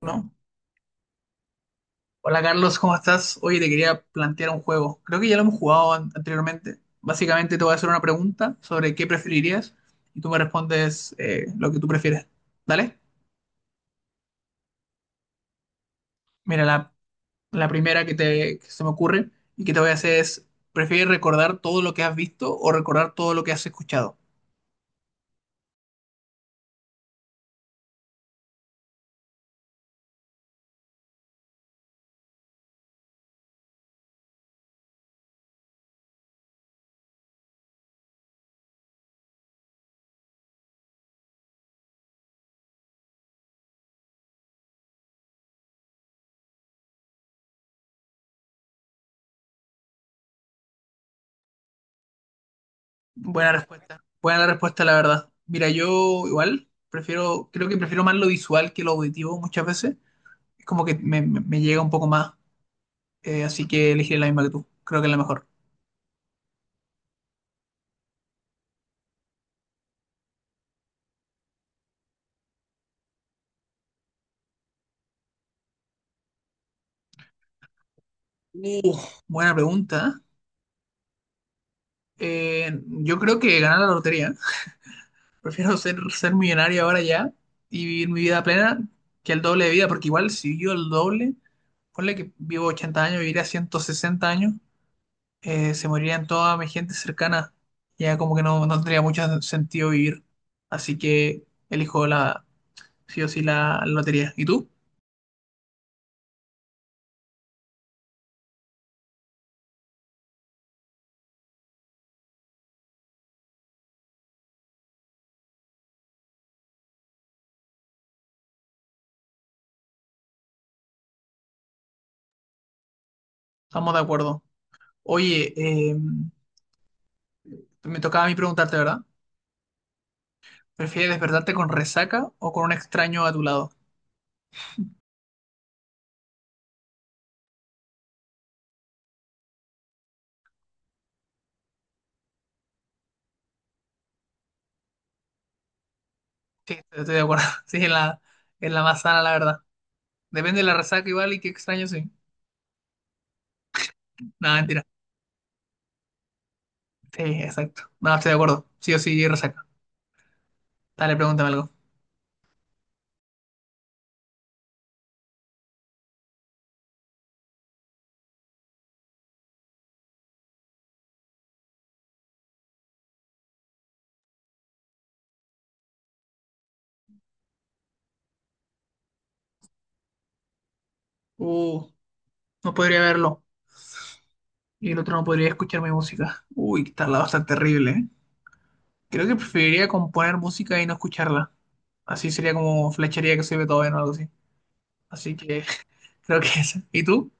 ¿No? Hola Carlos, ¿cómo estás? Oye, te quería plantear un juego. Creo que ya lo hemos jugado anteriormente. Básicamente te voy a hacer una pregunta sobre qué preferirías y tú me respondes lo que tú prefieres. ¿Dale? Mira, la primera que se me ocurre y que te voy a hacer es, ¿prefieres recordar todo lo que has visto o recordar todo lo que has escuchado? Buena respuesta. Buena la respuesta, la verdad. Mira, yo igual prefiero, creo que prefiero más lo visual que lo auditivo muchas veces. Es como que me llega un poco más. Así que elegiré la misma que tú. Creo que es la mejor. Uh, Buena pregunta. Yo creo que ganar la lotería. Prefiero ser millonario ahora ya y vivir mi vida plena que el doble de vida, porque igual si vivo el doble, ponle que vivo 80 años, viviría 160 años, se morirían toda mi gente cercana. Ya como que no, no tendría mucho sentido vivir. Así que elijo sí o sí la lotería. ¿Y tú? Estamos de acuerdo. Oye, me tocaba a mí preguntarte, ¿verdad? ¿Prefieres despertarte con resaca o con un extraño a tu lado? Sí, estoy de acuerdo. Sí, es la más sana, la verdad. Depende de la resaca igual y qué extraño, sí. Nada, mentira. Sí, exacto. No, estoy de acuerdo. Sí o sí, resaca. Dale, pregúntame algo. Uh, no podría verlo. Y el otro no podría escuchar mi música. Uy, que tal va a estar terrible, ¿eh? Creo que preferiría componer música y no escucharla. Así sería como flecharía que soy Beethoven o algo así. Así que creo que esa. ¿Y tú?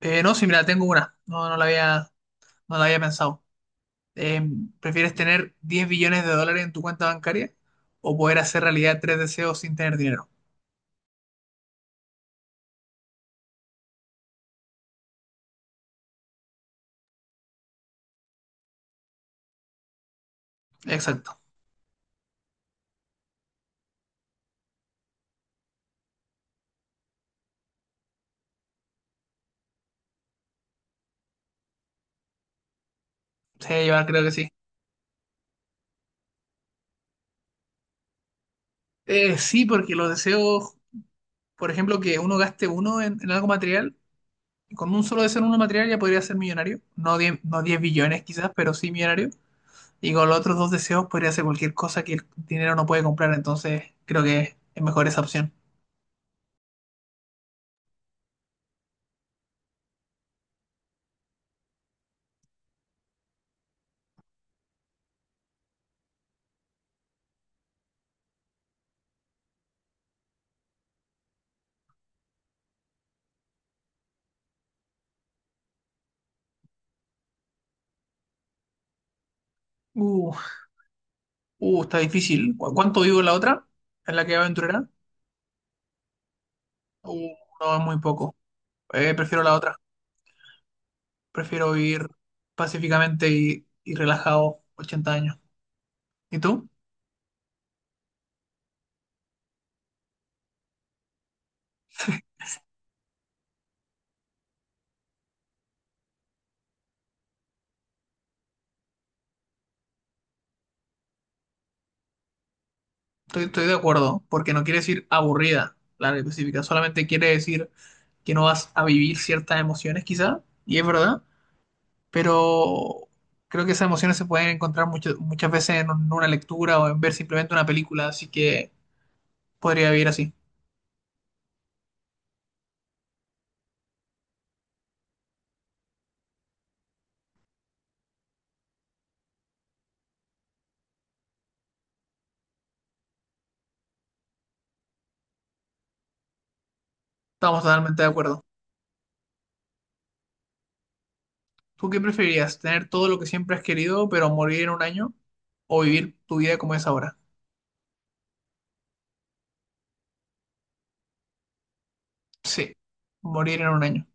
No, sí, mira, tengo una. No la había pensado. Eh, ¿Prefieres tener 10 billones de dólares en tu cuenta bancaria o poder hacer realidad tres deseos sin tener dinero? Exacto. Sí, yo creo que sí. Sí, porque los deseos, por ejemplo, que uno gaste uno en algo material, con un solo deseo en uno material ya podría ser millonario. No 10, no 10 billones quizás, pero sí millonario. Y con los otros dos deseos podría hacer cualquier cosa que el dinero no puede comprar. Entonces, creo que es mejor esa opción. Uh, Está difícil. ¿Cuánto vivo en la otra? ¿En la que aventurera? Uh, no, es muy poco. Prefiero la otra. Prefiero vivir pacíficamente y relajado 80 años. ¿Y tú? Estoy de acuerdo, porque no quiere decir aburrida, larga y pacífica. Solamente quiere decir que no vas a vivir ciertas emociones, quizá, y es verdad, pero creo que esas emociones se pueden encontrar muchas veces en una lectura o en ver simplemente una película, así que podría vivir así. Estamos totalmente de acuerdo. ¿Tú qué preferirías? ¿Tener todo lo que siempre has querido, pero morir en un año? ¿O vivir tu vida como es ahora? Sí, morir en un año.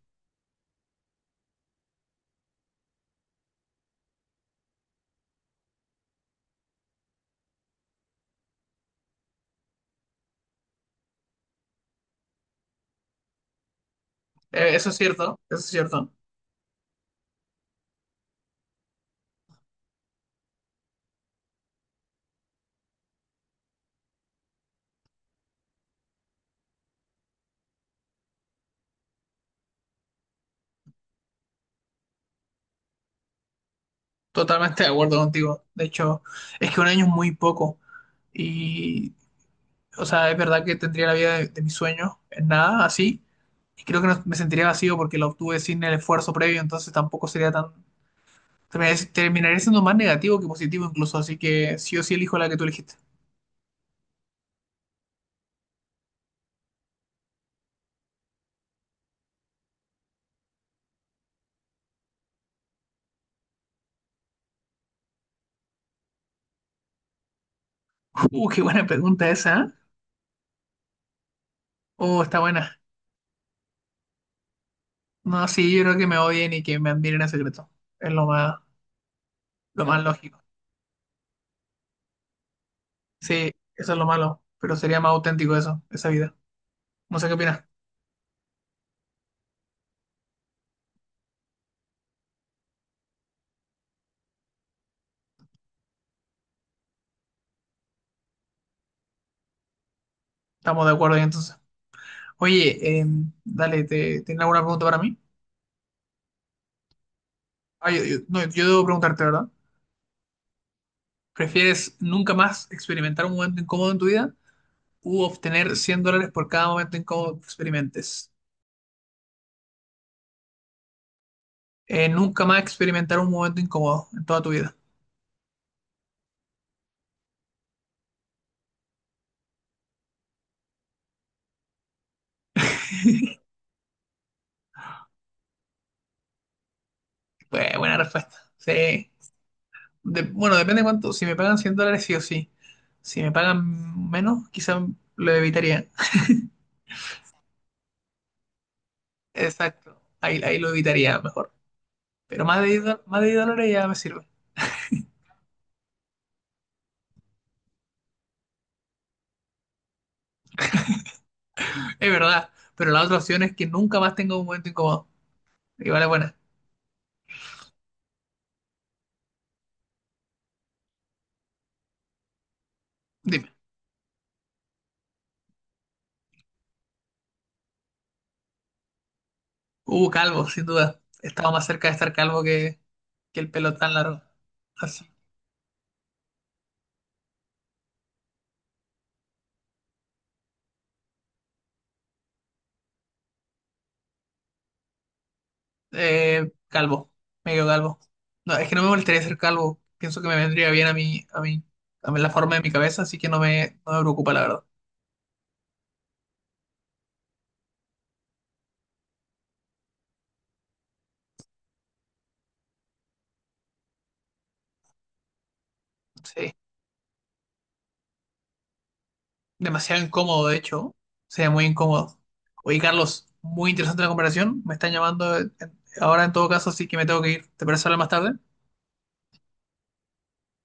Eso es cierto, eso es cierto. Totalmente de acuerdo contigo. De hecho, es que un año es muy poco. Y, o sea, es verdad que tendría la vida de mis sueños en nada, así. Y creo que me sentiría vacío porque la obtuve sin el esfuerzo previo, entonces tampoco Terminaría siendo más negativo que positivo incluso, así que sí o sí elijo la que tú elegiste. Qué buena pregunta esa, ¿eh? Está buena. No, sí, yo creo que me odien y que me admiren en secreto. Es lo más lógico. Sí, eso es lo malo, pero sería más auténtico eso, esa vida. No sé qué opinas. Estamos de acuerdo ahí entonces. Oye, dale, ¿te, ¿tienes alguna pregunta para mí? Ah, no, yo debo preguntarte, ¿verdad? ¿Prefieres nunca más experimentar un momento incómodo en tu vida u obtener 100 dólares por cada momento incómodo que experimentes? Nunca más experimentar un momento incómodo en toda tu vida. Pues, buena respuesta. Sí. De- bueno, depende cuánto. Si me pagan 100 dólares, sí o sí. Si me pagan menos, quizá lo evitaría. Exacto, ahí, ahí lo evitaría mejor. Pero más de 10 dólares ya me sirve. Es verdad, pero la otra opción es que nunca más tenga un momento incómodo. Igual es buena. Dime. Calvo, sin duda. Estaba más cerca de estar calvo que el pelo tan largo. Así. Calvo, medio calvo. No, es que no me molestaría ser calvo. Pienso que me vendría bien a mí, a mí, a mí la forma de mi cabeza, así que no me, no me preocupa, la verdad. Sí. Demasiado incómodo, de hecho. Sería muy incómodo. Oye, Carlos, muy interesante la comparación. Me están llamando ahora en todo caso, así que me tengo que ir. ¿Te parece hablar más tarde?